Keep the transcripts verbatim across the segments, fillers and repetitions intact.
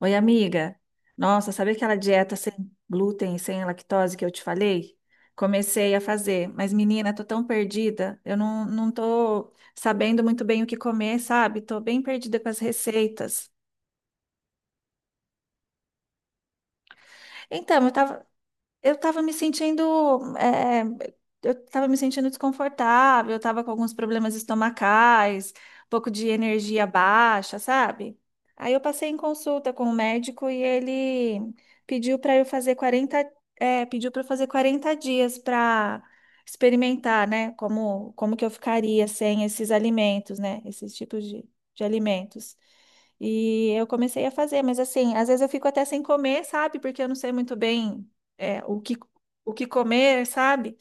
Oi, amiga. Nossa, sabe aquela dieta sem glúten e sem lactose que eu te falei? Comecei a fazer, mas menina, tô tão perdida. Eu não, não tô sabendo muito bem o que comer, sabe? Tô bem perdida com as receitas. Então, eu tava, Eu estava me sentindo, eh, eu estava me sentindo desconfortável, eu estava com alguns problemas estomacais, um pouco de energia baixa, sabe? Aí eu passei em consulta com o médico e ele pediu para eu fazer quarenta, eh, pediu para eu fazer quarenta dias para experimentar, né? Como, como que eu ficaria sem esses alimentos, né? Esses tipos de, de alimentos. E eu comecei a fazer, mas assim, às vezes eu fico até sem comer, sabe? Porque eu não sei muito bem é, o que, o que comer, sabe?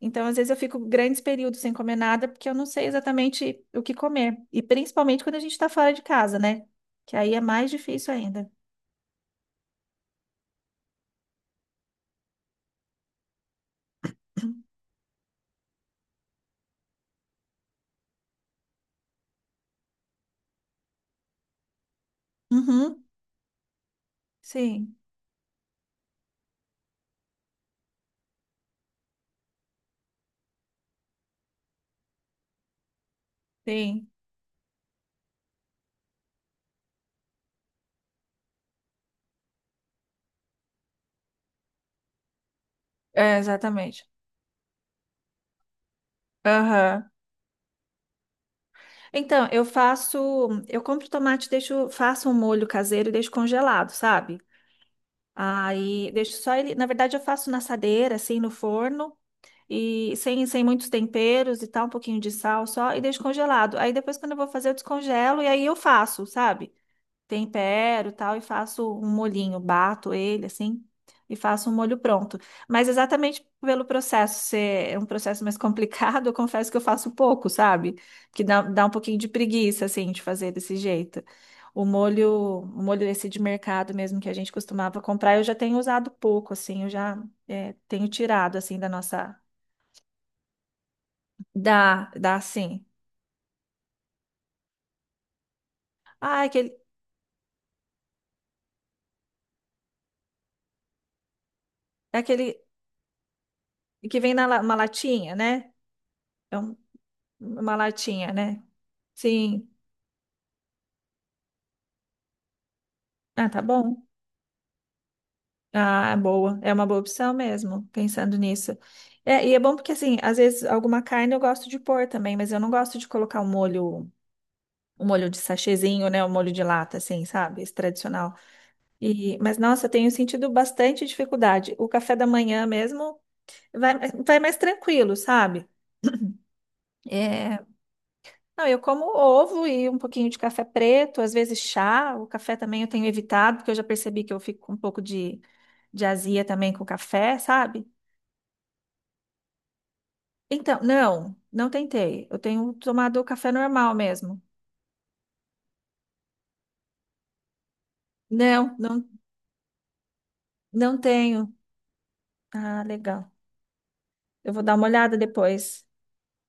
Então, às vezes, eu fico grandes períodos sem comer nada porque eu não sei exatamente o que comer. E principalmente quando a gente está fora de casa, né? Que aí é mais difícil ainda. Uhum, sim, sim. É, exatamente. Aham. Então, eu faço. Eu compro tomate, deixo, faço um molho caseiro e deixo congelado, sabe? Aí deixo só ele. Na verdade, eu faço na assadeira, assim, no forno. E sem, sem muitos temperos e tal, um pouquinho de sal só, e deixo congelado. Aí depois, quando eu vou fazer, eu descongelo e aí eu faço, sabe? Tempero e tal, e faço um molhinho, bato ele assim, e faço um molho pronto. Mas exatamente pelo processo ser é um processo mais complicado, eu confesso que eu faço pouco, sabe? Que dá, dá um pouquinho de preguiça, assim, de fazer desse jeito. O molho, o molho esse de mercado mesmo que a gente costumava comprar, eu já tenho usado pouco, assim, eu já é, tenho tirado assim da nossa. Dá, dá sim. Ah, é aquele, é aquele que vem na la- uma latinha, né? É um- uma latinha, né? Sim. Ah, tá bom. Ah, é boa. É uma boa opção mesmo, pensando nisso. É, e é bom porque, assim, às vezes alguma carne eu gosto de pôr também, mas eu não gosto de colocar o molho, o molho de sachêzinho, né? O molho de lata, assim, sabe? Esse tradicional. E, mas, nossa, eu tenho sentido bastante dificuldade. O café da manhã mesmo vai, vai mais tranquilo, sabe? É, não, eu como ovo e um pouquinho de café preto, às vezes chá. O café também eu tenho evitado, porque eu já percebi que eu fico com um pouco de, de azia também com o café, sabe? Então, não, não tentei. Eu tenho tomado o café normal mesmo. Não, não, não tenho. Ah, legal. Eu vou dar uma olhada depois.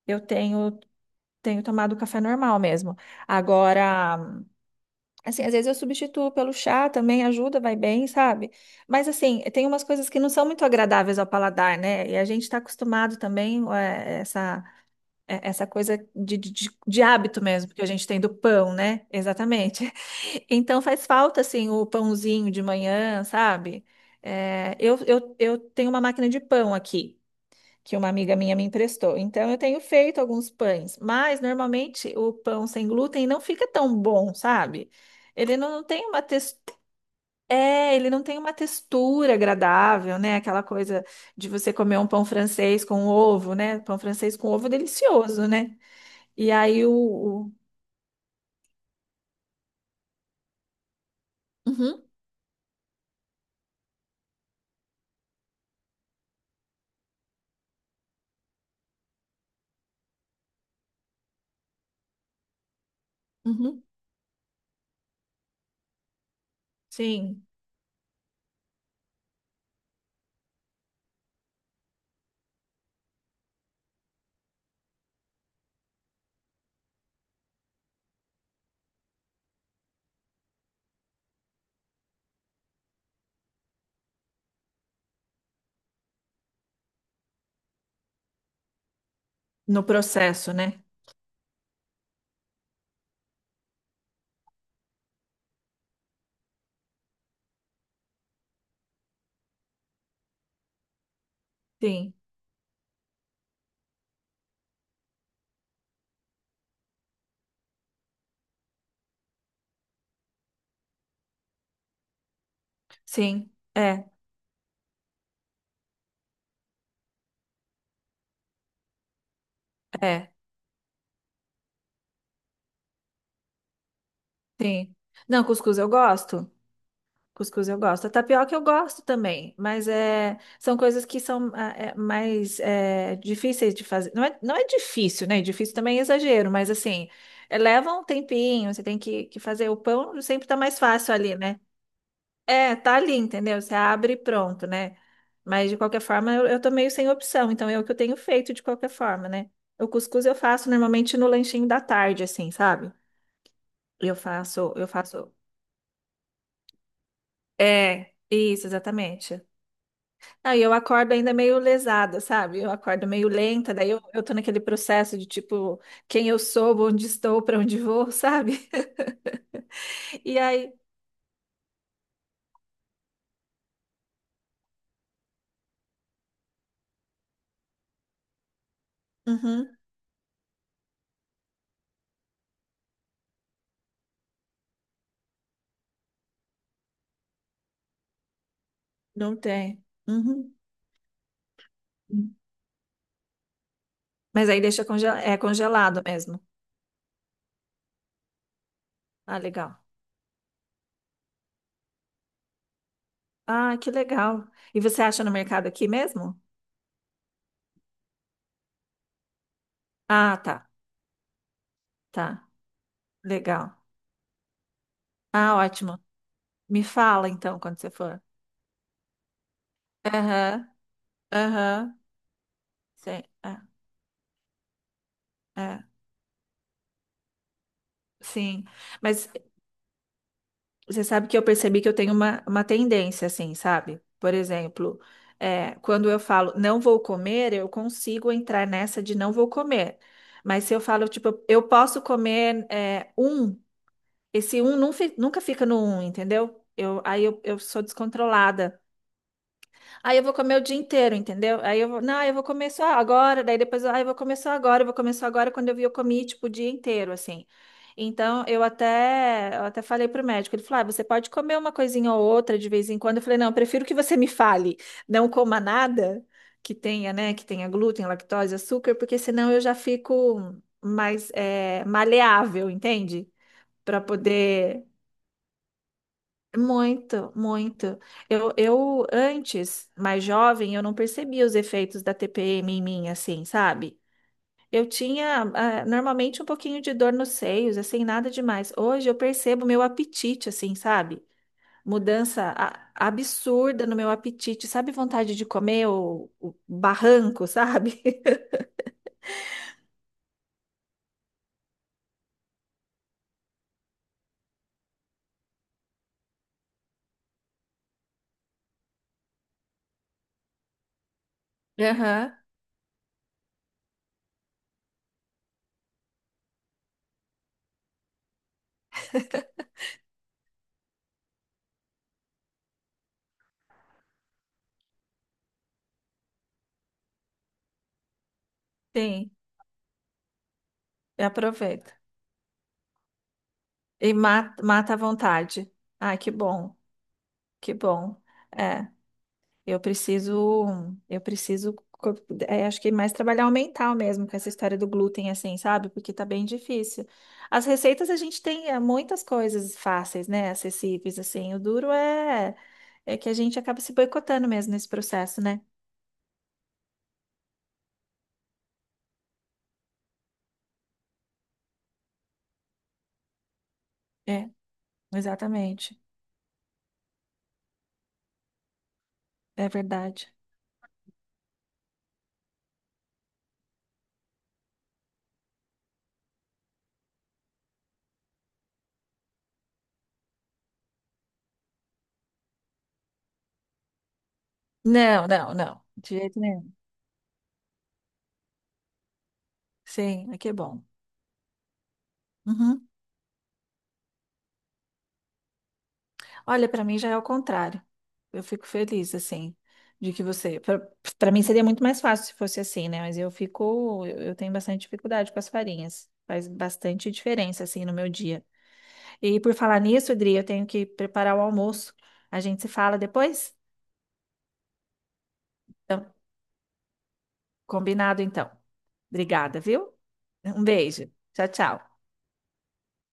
Eu tenho, tenho tomado o café normal mesmo. Agora. Assim, às vezes eu substituo pelo chá também, ajuda, vai bem, sabe? Mas assim, tem umas coisas que não são muito agradáveis ao paladar, né? E a gente está acostumado também é, essa é, essa coisa de, de, de- de hábito mesmo que a gente tem do pão, né? Exatamente. Então faz falta assim o pãozinho de manhã, sabe? É, eu, eu, eu tenho uma máquina de pão aqui que uma amiga minha me emprestou. Então eu tenho feito alguns pães, mas normalmente o pão sem glúten não fica tão bom, sabe? Ele não tem uma textura, é, ele não tem uma textura agradável, né? Aquela coisa de você comer um pão francês com ovo, né? Pão francês com ovo é delicioso, né? E aí o, o- uhum, uhum, sim, no processo, né? Sim, sim, é, é, sim. Não, cuscuz eu gosto. Cuscuz eu gosto. A tapioca eu gosto também, mas é, são coisas que são ah, é, mais é, difíceis de fazer. Não é, não é difícil, né? Difícil também é exagero, mas assim, é, leva um tempinho, você tem que, que fazer. O pão sempre tá mais fácil ali, né? É, tá ali, entendeu? Você abre e pronto, né? Mas de qualquer forma, eu, eu tô meio sem opção, então é o que eu tenho feito de qualquer forma, né? O cuscuz eu faço normalmente no lanchinho da tarde, assim, sabe? Eu faço, eu faço. É, isso, exatamente. Não, e eu acordo ainda meio lesada, sabe? Eu acordo meio lenta, daí eu, eu tô naquele processo de tipo, quem eu sou, onde estou, para onde vou, sabe? E aí, uhum, não tem. Uhum. Uhum. Mas aí deixa conge- é congelado mesmo. Ah, legal. Ah, que legal. E você acha no mercado aqui mesmo? Ah, tá, tá. Legal. Ah, ótimo. Me fala então quando você for. Aham, aham. Sim, é, é, sim. Mas você sabe que eu percebi que eu tenho uma, uma tendência, assim, sabe? Por exemplo, é, quando eu falo não vou comer, eu consigo entrar nessa de não vou comer. Mas se eu falo, tipo, eu posso comer é, um, esse um nun- nunca fica no um, entendeu? Eu, aí eu, eu sou descontrolada. Aí eu vou comer o dia inteiro, entendeu? Aí eu vou, não, eu vou comer só agora, daí depois, ah, eu vou comer só agora, eu vou comer só agora, quando eu vi, eu comi, tipo, o dia inteiro, assim. Então, eu até, eu até falei pro médico, ele falou, ah, você pode comer uma coisinha ou outra de vez em quando. Eu falei, não, eu prefiro que você me fale, não coma nada que tenha, né, que tenha glúten, lactose, açúcar, porque senão eu já fico mais, eh, maleável, entende? Para poder muito, muito. Eu, eu antes, mais jovem, eu não percebia os efeitos da T P M em mim, assim, sabe? Eu tinha, ah, normalmente um pouquinho de dor nos seios, assim, nada demais. Hoje eu percebo meu apetite, assim, sabe? Mudança a- absurda no meu apetite, sabe? Vontade de comer o, o barranco, sabe? Aham, sim, eu e mata, mata à vontade. Ah, que bom, que bom. É. Eu preciso, eu preciso, co- é, acho que mais trabalhar o mental mesmo com essa história do glúten, assim, sabe? Porque tá bem difícil. As receitas a gente tem é, muitas coisas fáceis, né? Acessíveis, assim. O duro é, é que a gente acaba se boicotando mesmo nesse processo, né? É, exatamente. É verdade. Não, não, não. De jeito nenhum. Sim, aqui é bom. Uhum. Olha, para mim já é o contrário. Eu fico feliz, assim, de que você. Para mim seria muito mais fácil se fosse assim, né? Mas eu fico. Eu eu tenho bastante dificuldade com as farinhas. Faz bastante diferença, assim, no meu dia. E por falar nisso, Adri, eu tenho que preparar o almoço. A gente se fala depois? Então, combinado, então. Obrigada, viu? Um beijo. Tchau, tchau.